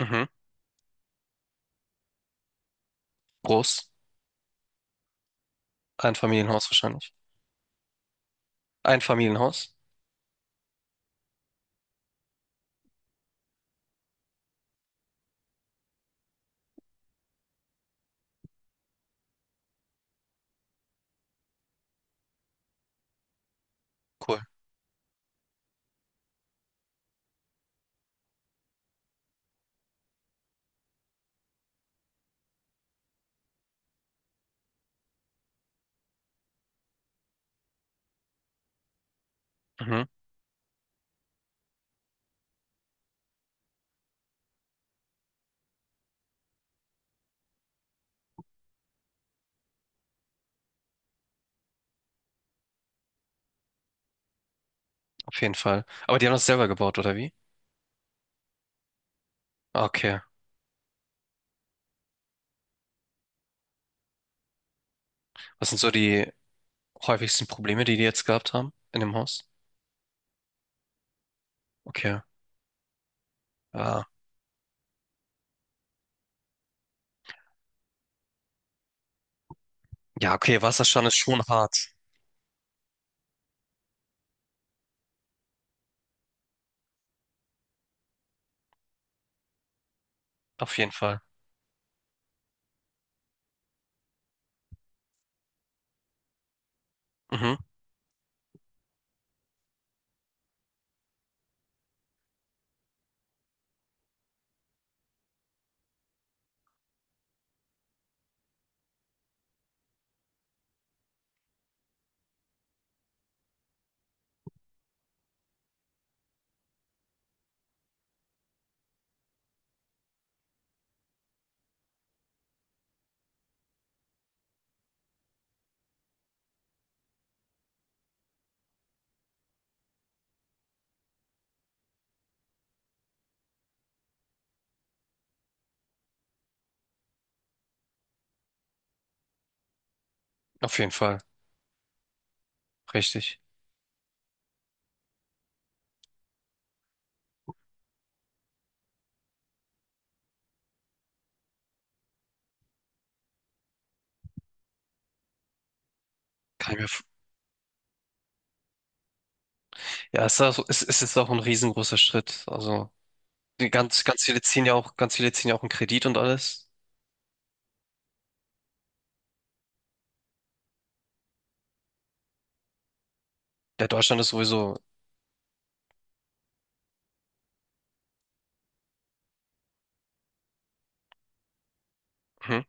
Mhm. Groß. Einfamilienhaus wahrscheinlich. Einfamilienhaus. Cool. Mhm. Auf jeden Fall. Aber die haben das selber gebaut, oder wie? Ah, okay. Was sind so die häufigsten Probleme, die die jetzt gehabt haben in dem Haus? Okay. Ah. Ja, okay, Wasserschaden ist schon hart. Auf jeden Fall. Mhm. Auf jeden Fall. Richtig. Kann ich mir... f- Ja, es ist auch ein riesengroßer Schritt. Also, die ganz, ganz viele ziehen ja auch, ganz viele ziehen ja auch einen Kredit und alles. Der Deutschland ist sowieso, mhm.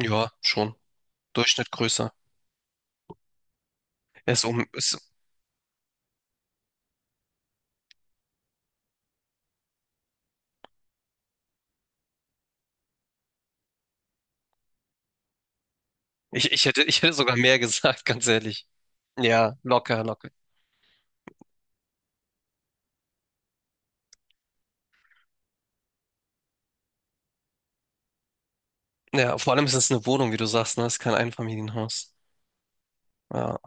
Ja, schon. Durchschnitt größer. Er ist um, ist Ich hätte, ich hätte sogar mehr gesagt, ganz ehrlich. Ja, locker, locker. Ja, vor allem ist es eine Wohnung, wie du sagst, ne? Es ist kein Einfamilienhaus. Ja.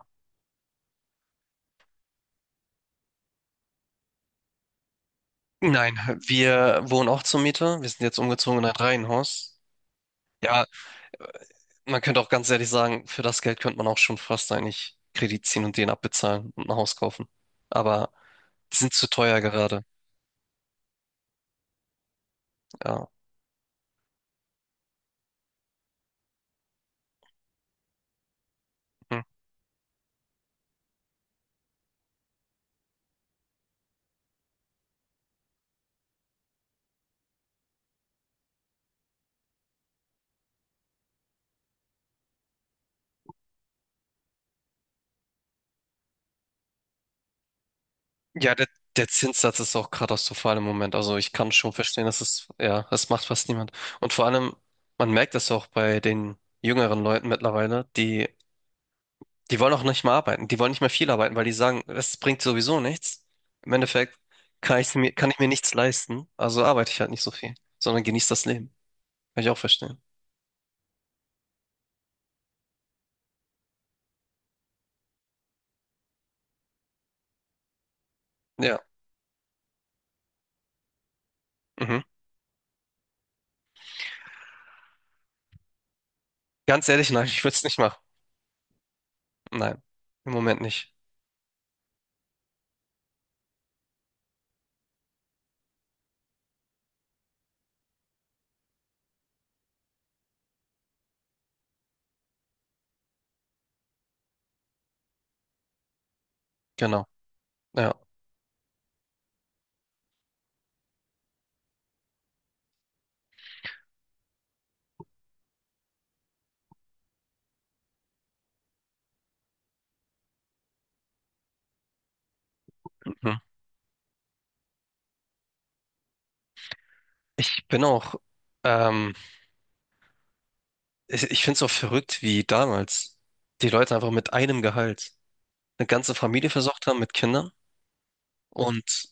Nein, wir wohnen auch zur Miete. Wir sind jetzt umgezogen in ein Reihenhaus. Ja, man könnte auch ganz ehrlich sagen, für das Geld könnte man auch schon fast eigentlich Kredit ziehen und den abbezahlen und ein Haus kaufen. Aber die sind zu teuer gerade. Ja. Hm. Ja, der Zinssatz ist auch katastrophal im Moment. Also ich kann schon verstehen, dass es, ja, das macht fast niemand. Und vor allem, man merkt das auch bei den jüngeren Leuten mittlerweile, die wollen auch nicht mehr arbeiten, die wollen nicht mehr viel arbeiten, weil die sagen, es bringt sowieso nichts. Im Endeffekt kann ich mir nichts leisten, also arbeite ich halt nicht so viel, sondern genieße das Leben. Kann ich auch verstehen. Ja. Mhm. Ganz ehrlich, nein, ich würde es nicht machen. Nein, im Moment nicht. Genau. Ja. Mhm. Ich bin auch. Ähm, ich finde es auch verrückt, wie damals die Leute einfach mit einem Gehalt eine ganze Familie versorgt haben mit Kindern und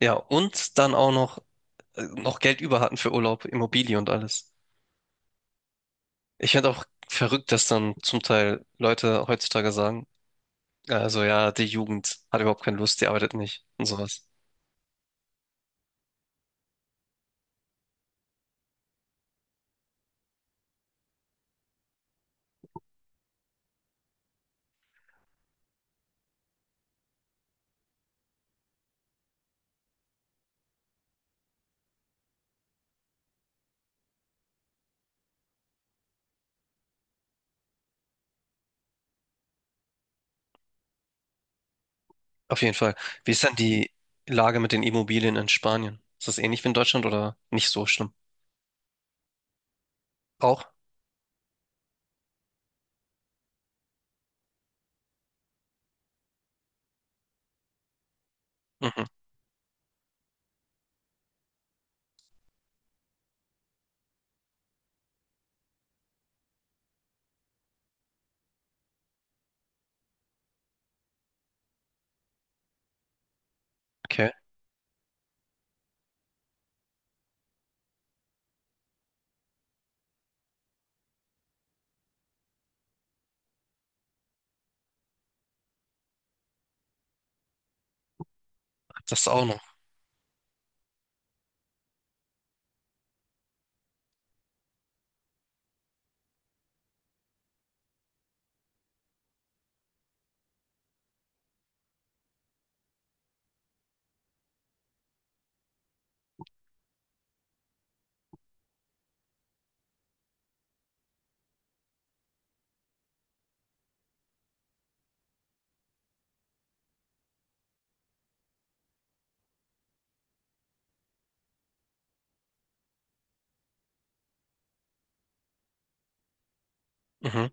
ja, und dann auch noch, noch Geld über hatten für Urlaub, Immobilie und alles. Ich finde auch verrückt, dass dann zum Teil Leute heutzutage sagen, also ja, die Jugend hat überhaupt keine Lust, die arbeitet nicht und sowas. Auf jeden Fall. Wie ist denn die Lage mit den Immobilien in Spanien? Ist das ähnlich wie in Deutschland oder nicht so schlimm? Auch? Mhm. Okay. Das auch noch. Mhm.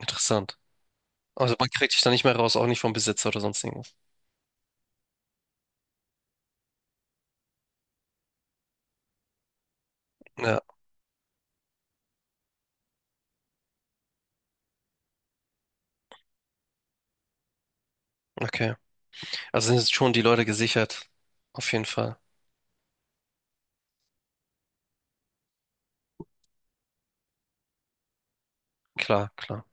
Interessant. Also man kriegt dich da nicht mehr raus, auch nicht vom Besitzer oder sonst irgendwas. Ja, okay. Also sind jetzt schon die Leute gesichert. Auf jeden Fall. Klar, klar.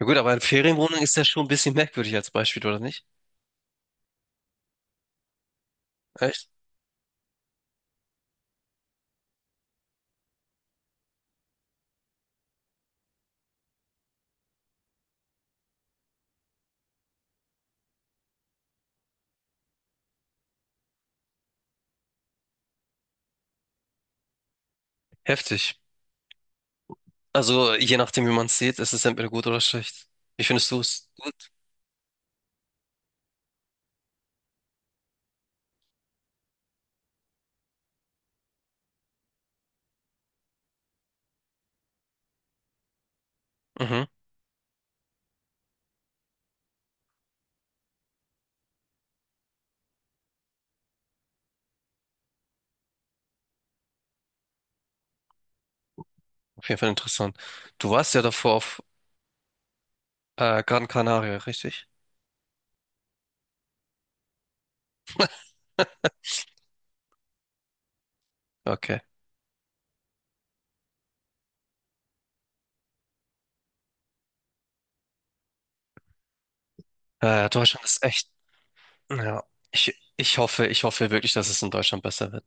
Ja gut, aber eine Ferienwohnung ist ja schon ein bisschen merkwürdig als Beispiel, oder nicht? Echt? Heftig. Also je nachdem, wie man es sieht, ist es entweder gut oder schlecht. Wie findest du es? Gut. Mhm. Auf jeden Fall interessant. Du warst ja davor auf Gran Canaria, richtig? Okay. Deutschland ist echt. Ja. Ich hoffe, ich hoffe wirklich, dass es in Deutschland besser wird.